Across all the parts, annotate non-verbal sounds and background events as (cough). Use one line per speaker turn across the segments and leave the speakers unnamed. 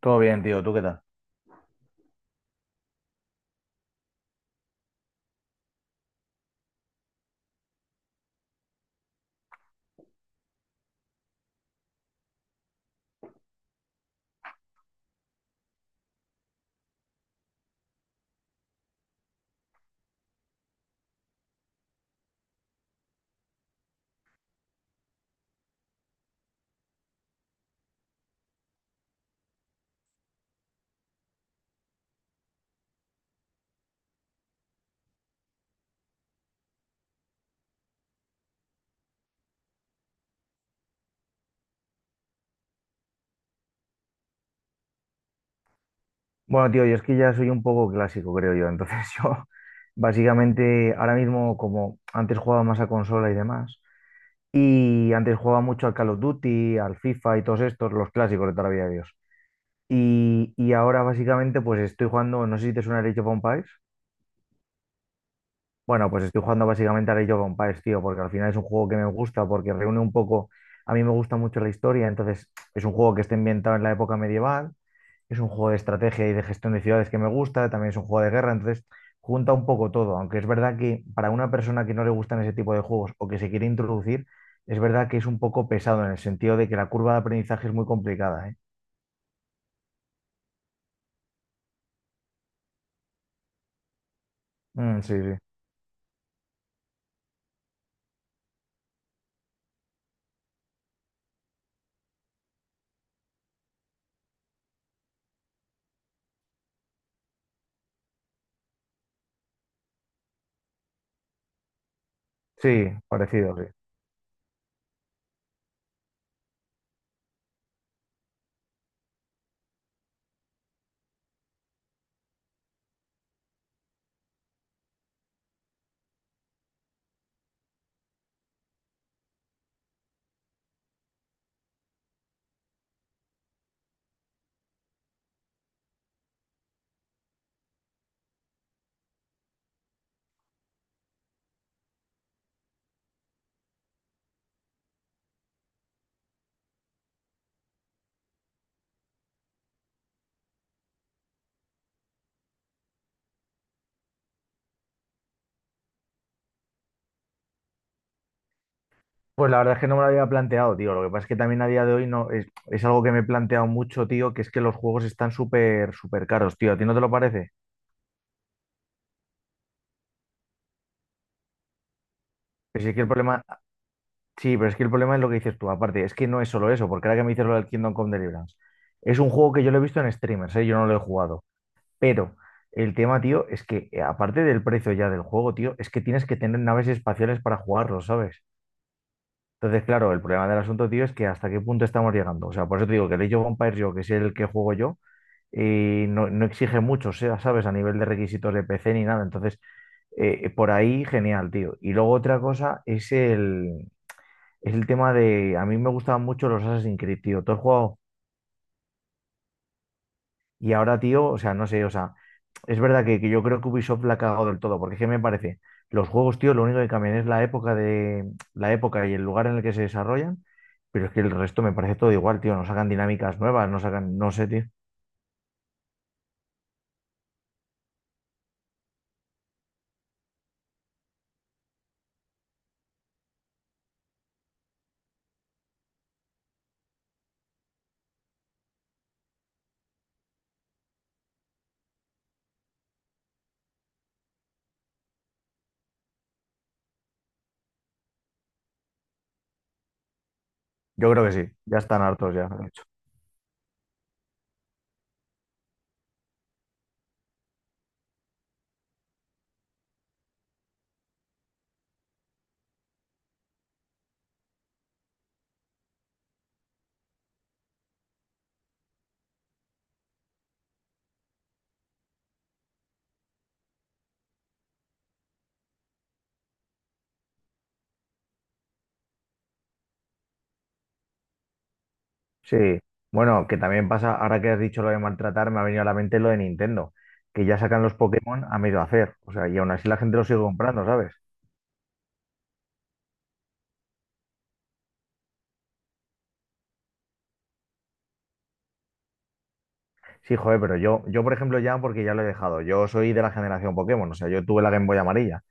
Todo bien, tío. ¿Tú qué tal? Bueno, tío, yo es que ya soy un poco clásico, creo yo. Entonces (laughs) yo, básicamente, ahora mismo, como antes jugaba más a consola y demás, y antes jugaba mucho al Call of Duty, al FIFA y todos estos, los clásicos de toda la vida de Dios. Y ahora, básicamente, pues estoy jugando, no sé si te suena el Age of Empires. Bueno, pues estoy jugando básicamente al Age of Empires, tío, porque al final es un juego que me gusta, porque reúne un poco, a mí me gusta mucho la historia, entonces es un juego que está ambientado en la época medieval. Es un juego de estrategia y de gestión de ciudades que me gusta, también es un juego de guerra, entonces junta un poco todo, aunque es verdad que para una persona que no le gustan ese tipo de juegos o que se quiere introducir, es verdad que es un poco pesado en el sentido de que la curva de aprendizaje es muy complicada, ¿eh? Mm, sí, sí, sí, parecido, sí. Pues la verdad es que no me lo había planteado, tío. Lo que pasa es que también a día de hoy no es, es algo que me he planteado mucho, tío, que es que los juegos están súper, súper caros, tío. ¿A ti no te lo parece? Pero si es que el problema, Sí, pero es que el problema es lo que dices tú. Aparte, es que no es solo eso, porque ahora que me dices lo del Kingdom Come Deliverance, es un juego que yo lo he visto en streamers, ¿eh? Yo no lo he jugado. Pero el tema, tío, es que aparte del precio ya del juego, tío, es que tienes que tener naves espaciales para jugarlo, ¿sabes? Entonces, claro, el problema del asunto, tío, es que hasta qué punto estamos llegando. O sea, por eso te digo que el Age of Empires, yo, que es el que juego yo, no, no exige mucho, o sea, ¿sabes? A nivel de requisitos de PC ni nada. Entonces, por ahí, genial, tío. Y luego otra cosa es el tema de, a mí me gustaban mucho los Assassin's Creed, tío, todo el juego. Y ahora, tío, o sea, no sé, o sea, es verdad que, yo creo que Ubisoft la ha cagado del todo, porque es que me parece, los juegos, tío, lo único que cambian es la época y el lugar en el que se desarrollan, pero es que el resto me parece todo igual, tío, no sacan dinámicas nuevas, no sacan, no sé, tío. Yo creo que sí, ya están hartos ya, de hecho. Sí, bueno, que también pasa, ahora que has dicho lo de maltratar, me ha venido a la mente lo de Nintendo, que ya sacan los Pokémon a medio hacer, o sea, y aún así la gente los sigue comprando, ¿sabes? Sí, joder, pero yo, por ejemplo, ya, porque ya lo he dejado, yo soy de la generación Pokémon, o sea, yo tuve la Game Boy amarilla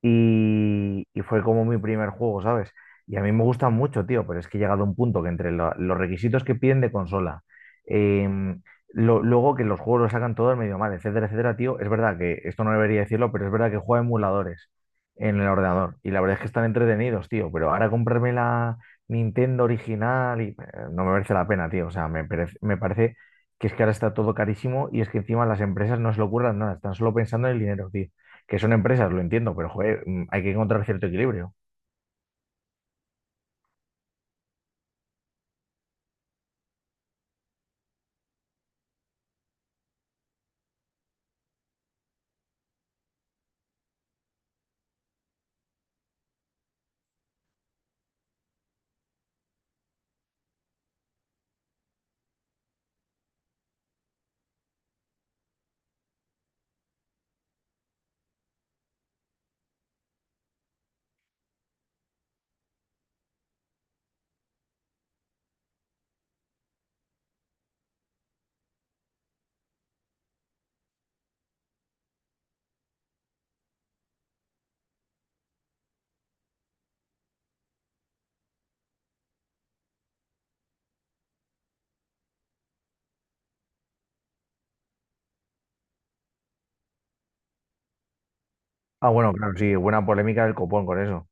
y fue como mi primer juego, ¿sabes? Y a mí me gustan mucho, tío, pero es que he llegado a un punto que entre los requisitos que piden de consola, em, luego que los juegos lo sacan todos medio mal, etcétera, etcétera, tío, es verdad que esto no debería decirlo, pero es verdad que juego a emuladores en el ordenador y la verdad es que están entretenidos, tío, pero ahora comprarme la Nintendo original y no me merece la pena, tío, o sea, me parece que es que ahora está todo carísimo y es que encima las empresas no se lo ocurran nada, están solo pensando en el dinero, tío, que son empresas, lo entiendo, pero joder, hay que encontrar cierto equilibrio. Ah, bueno, claro, sí, buena polémica del copón con eso.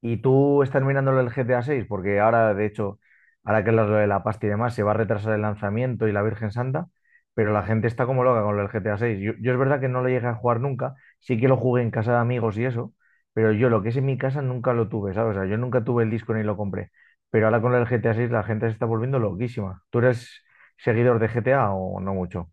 ¿Y tú estás mirándolo el GTA 6? Porque ahora, de hecho, ahora que es lo de la pasta y demás, se va a retrasar el lanzamiento y la Virgen Santa, pero la gente está como loca con lo del GTA 6. Yo es verdad que no lo llegué a jugar nunca, sí que lo jugué en casa de amigos y eso, pero yo lo que es en mi casa nunca lo tuve, ¿sabes? O sea, yo nunca tuve el disco ni lo compré. Pero ahora con el GTA 6 la gente se está volviendo loquísima. ¿Tú eres seguidor de GTA o no mucho?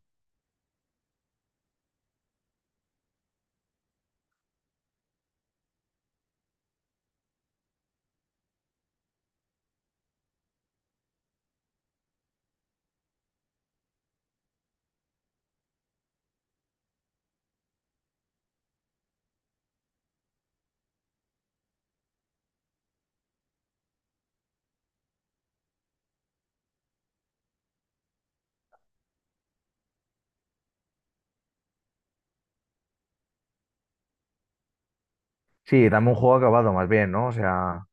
Sí, dame un juego acabado más bien, ¿no? O sea,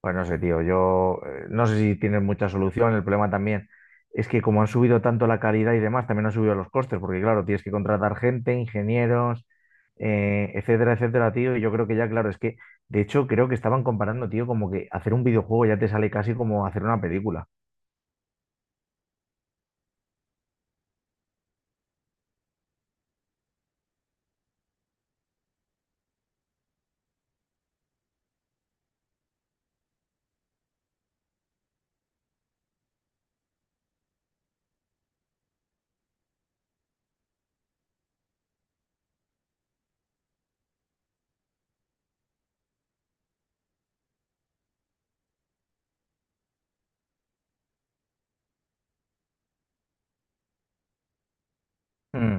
pues no sé, tío, yo no sé si tienen mucha solución. El problema también es que como han subido tanto la calidad y demás, también han subido los costes, porque claro, tienes que contratar gente, ingenieros, etcétera, etcétera, tío. Y yo creo que ya, claro, es que, de hecho, creo que estaban comparando, tío, como que hacer un videojuego ya te sale casi como hacer una película. Mm.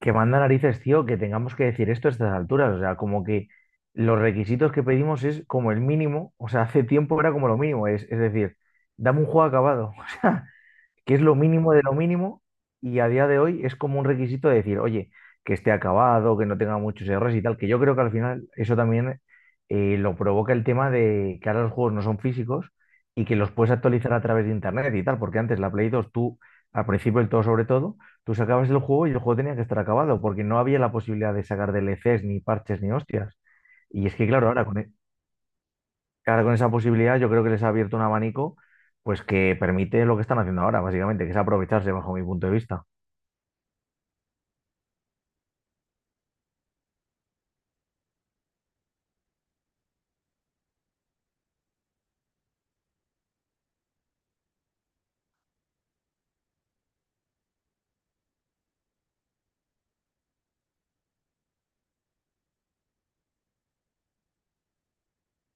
Que manda narices, tío, que tengamos que decir esto a estas alturas. O sea, como que los requisitos que pedimos es como el mínimo. O sea, hace tiempo era como lo mínimo. Es decir, dame un juego acabado. (laughs) O sea, que es lo mínimo de lo mínimo y a día de hoy es como un requisito de decir, oye, que esté acabado, que no tenga muchos errores y tal, que yo creo que al final eso también lo provoca el tema de que ahora los juegos no son físicos y que los puedes actualizar a través de internet y tal, porque antes la Play 2 tú, al principio del todo sobre todo, tú sacabas el juego y el juego tenía que estar acabado, porque no había la posibilidad de sacar DLCs ni parches ni hostias. Y es que claro, que ahora con esa posibilidad yo creo que les ha abierto un abanico pues que permite lo que están haciendo ahora, básicamente, que es aprovecharse bajo mi punto de vista.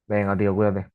Venga, tío, cuídate.